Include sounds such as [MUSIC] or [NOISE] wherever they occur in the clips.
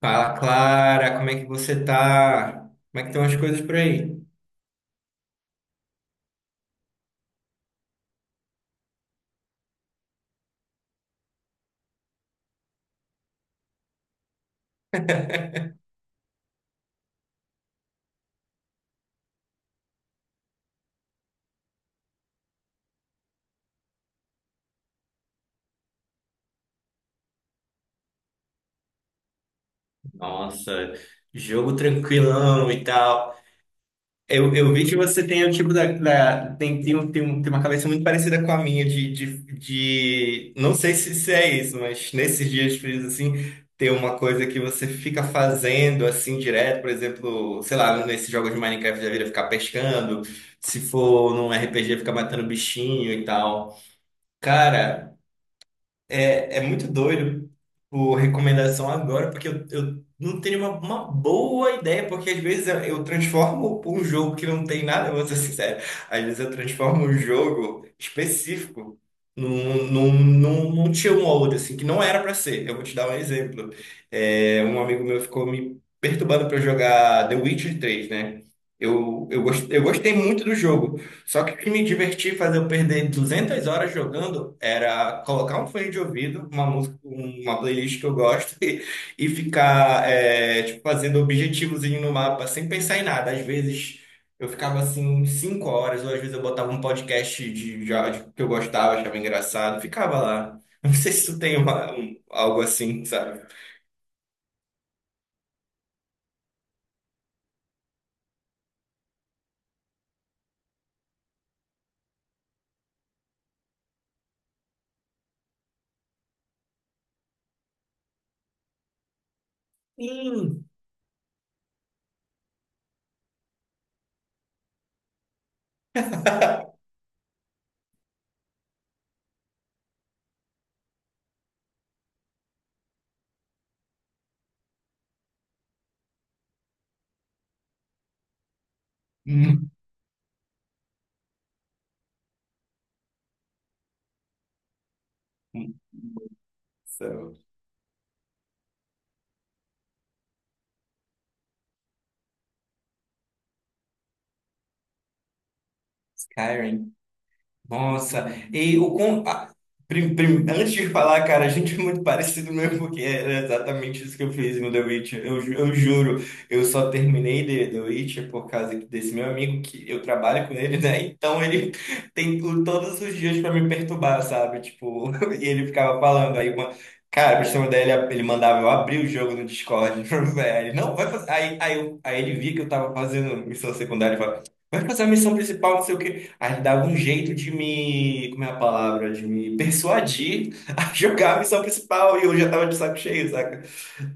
Fala, Clara, como é que você tá? Como é que estão as coisas por aí? [LAUGHS] Nossa, jogo tranquilão e tal. Eu vi que você tem o tipo tem uma cabeça muito parecida com a minha não sei se é isso, mas nesses dias frios assim, tem uma coisa que você fica fazendo assim direto, por exemplo, sei lá, nesses jogos de Minecraft da vida ficar pescando, se for num RPG ficar matando bichinho e tal. Cara, é muito doido por recomendação agora, porque eu não tenho uma boa ideia, porque às vezes eu transformo um jogo que não tem nada, eu vou ser sincero. Às vezes eu transformo um jogo específico num tier 1 ou outro, assim, que não era pra ser. Eu vou te dar um exemplo. Um amigo meu ficou me perturbando pra eu jogar The Witcher 3, né? Eu gostei muito do jogo. Só que o que me divertia fazer eu perder 200 horas jogando era colocar um fone de ouvido, uma música, uma playlist que eu gosto [LAUGHS] e ficar tipo, fazendo objetivozinho no mapa sem pensar em nada. Às vezes eu ficava assim 5 horas, ou às vezes eu botava um podcast de áudio que eu gostava, achava engraçado, ficava lá. [LAUGHS] Não sei se tu tem algo assim, sabe? Sim. [LAUGHS] Hum. Céu. Skyrim. Nossa, e o com... a- prim- prim- antes de falar, cara, a gente é muito parecido mesmo, porque era exatamente isso que eu fiz no The Witch. Eu juro, eu só terminei The Witch por causa desse meu amigo, que eu trabalho com ele, [LAUGHS] né? Então ele todos os dias pra me perturbar, sabe? Tipo, [LAUGHS] e ele ficava falando aí uma. Cara, pra você ter uma ideia, ele mandava eu abrir o jogo no Discord. [LAUGHS] Aí ele, não, vai fazer. Aí ele via que eu tava fazendo missão secundária e falava, vai fazer a missão principal, não sei o quê. Aí ele dava um jeito de me, como é a palavra, de me persuadir [LAUGHS] a jogar a missão principal e eu já tava de saco cheio, saca?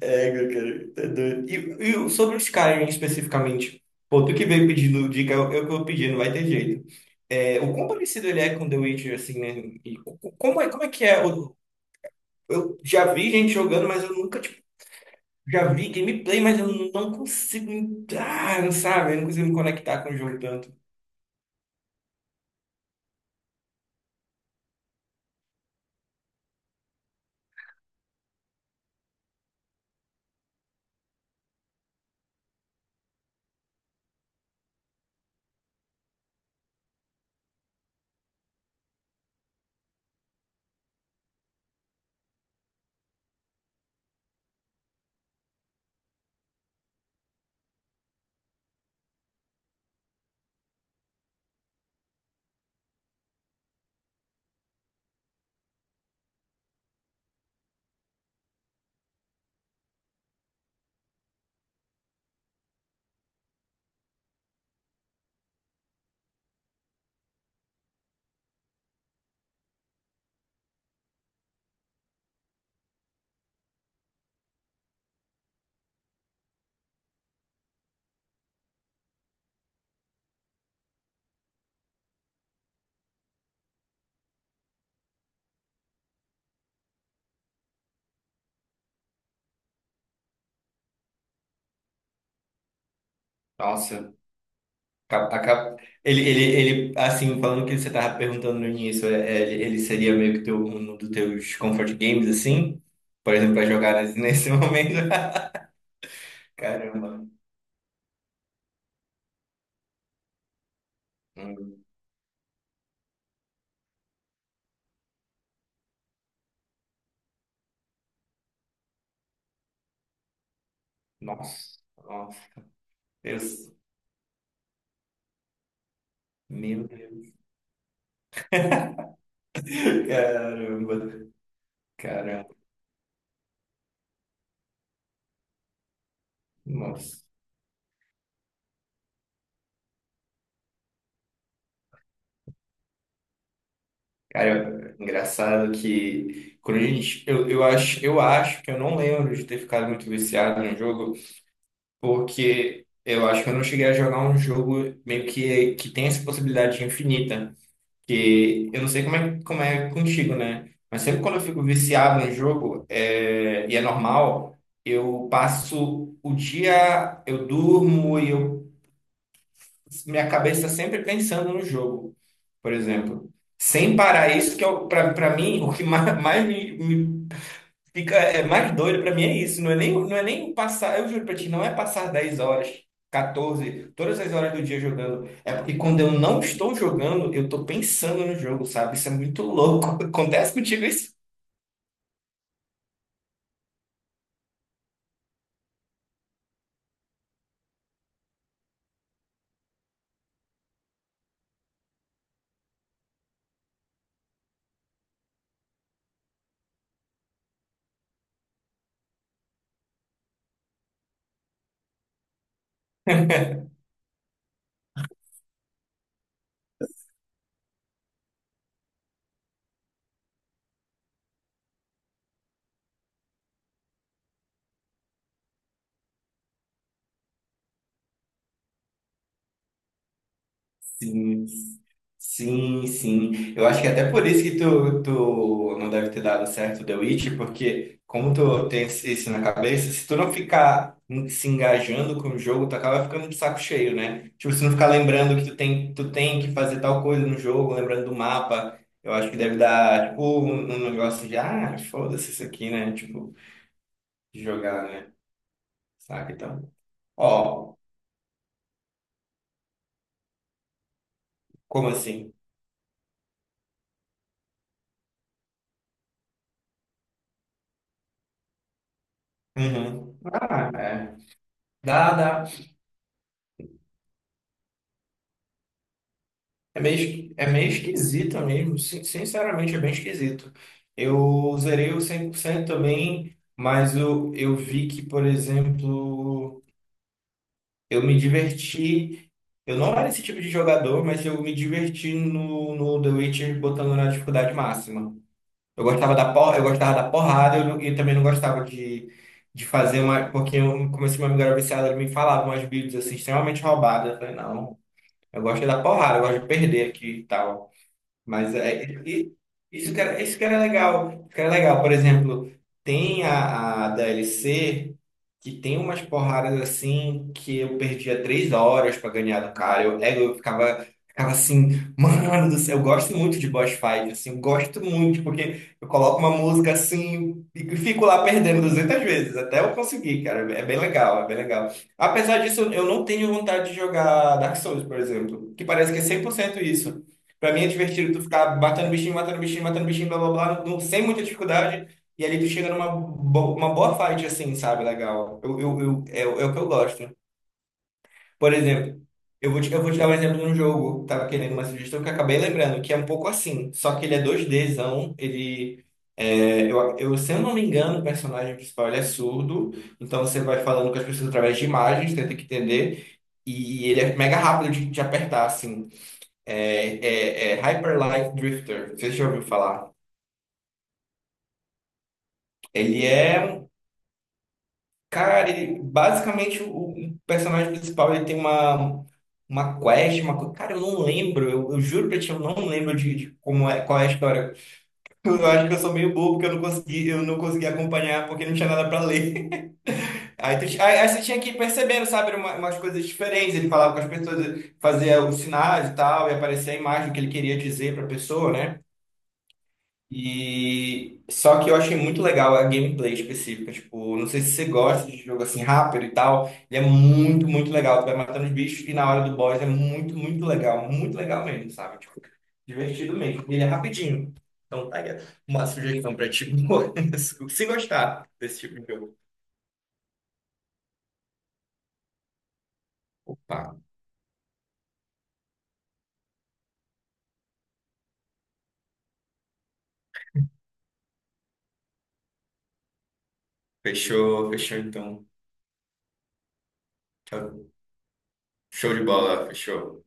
Meu cara, tá doido. E sobre os Skyrim especificamente, pô, tu que veio pedindo dica, eu que vou pedir, não vai ter jeito. O quão parecido ele é com The Witcher, assim, né? E como é que é? Eu já vi gente jogando, mas eu nunca, tipo, já vi gameplay, mas eu não consigo entrar, não sabe? Eu não consigo me conectar com o jogo tanto. Nossa. Cap- a cap- Ele, ele, ele, assim, falando o que você tava perguntando no início, ele seria meio que teu, um dos teus comfort games, assim? Por exemplo, para jogar nesse [LAUGHS] momento. Caramba. Hum. Nossa, nossa. Eu, meu Deus. Caramba, caramba. Nossa. Cara, engraçado que quando eu acho que eu não lembro de ter ficado muito viciado no jogo. Porque eu acho que eu não cheguei a jogar um jogo meio que tem essa possibilidade infinita. Que eu não sei como é contigo, né? Mas sempre quando eu fico viciado em jogo, e é normal, eu passo o dia, eu durmo minha cabeça está sempre pensando no jogo, por exemplo. Sem parar isso, que é, para mim, o que [LAUGHS] mais, me fica, é mais doido pra mim é isso. Não é nem passar, eu juro pra ti, não é passar 10 horas, 14 todas as horas do dia jogando. É porque quando eu não estou jogando, eu tô pensando no jogo, sabe? Isso é muito louco. [LAUGHS] Acontece contigo isso? Sim, sim, sim. Eu acho que é até por isso que tu não deve ter dado certo The Witch, porque como tu tem isso na cabeça, se tu não ficar se engajando com o jogo, tu acaba ficando de saco cheio, né? Tipo, se não ficar lembrando que tu tem que fazer tal coisa no jogo, lembrando do mapa, eu acho que deve dar, tipo, um negócio de, ah, foda-se isso aqui, né? Tipo, de jogar, né? Saca? Então, ó, como assim? Uhum. Ah, é. Dá, dá. É meio esquisito mesmo, sinceramente é bem esquisito. Eu zerei o 100% também, mas eu vi que, por exemplo, eu me diverti. Eu não era esse tipo de jogador, mas eu me diverti no The Witcher botando na dificuldade máxima. Eu gostava da porrada, eu também não gostava de fazer uma. Porque eu comecei uma amiga era viciada, ela me falava umas builds assim, extremamente roubadas. Eu falei, não, eu gosto é da porrada, eu gosto de perder aqui e tal. Mas é, e- isso que era legal. Isso que era legal. Por exemplo, tem a DLC que tem umas porradas assim que eu perdia 3 horas pra ganhar do cara. Eu ficava assim, mano do céu, eu gosto muito de boss fight, assim, eu gosto muito, porque eu coloco uma música assim e fico lá perdendo 200 vezes, até eu conseguir, cara. É bem legal, é bem legal. Apesar disso, eu não tenho vontade de jogar Dark Souls, por exemplo, que parece que é 100% isso. Pra mim é divertido tu ficar matando bichinho, matando bichinho, matando bichinho, blá blá blá, sem muita dificuldade. E ali tu chega numa uma boa fight, assim, sabe? Legal. O é o que eu gosto. Por exemplo, eu vou te dar um exemplo de um jogo, tava querendo uma sugestão que eu acabei lembrando, que é um pouco assim. Só que ele é 2Dzão, ele. Se eu não me engano, o personagem principal ele é surdo, então você vai falando com as pessoas através de imagens, tenta que entender. E ele é mega rápido de apertar, assim. É, é Hyper Light Drifter, você já ouviu falar? Ele é, um- cara, basicamente o personagem principal ele tem uma quest, cara, eu não lembro, eu juro pra ti, eu não lembro de como é, qual é a história. [LAUGHS] Eu acho que eu sou meio bobo porque eu não consegui acompanhar porque não tinha nada pra ler. [LAUGHS] Aí, tu, ti- aí, aí você tinha que ir percebendo, sabe, umas coisas diferentes. Ele falava com as pessoas, fazia os sinais e tal, e aparecia a imagem que ele queria dizer pra pessoa, né? E só que eu achei muito legal a gameplay específica, tipo, não sei se você gosta de jogo assim rápido e tal, ele é muito, muito legal, tu vai matando os bichos e na hora do boss é muito, muito legal mesmo, sabe? Tipo, divertido mesmo. E ele é rapidinho. Então tá aí uma sugestão pra ti, [LAUGHS] se gostar desse tipo de jogo. Opa, fechou, fechou então. Tchau. Show de bola, fechou.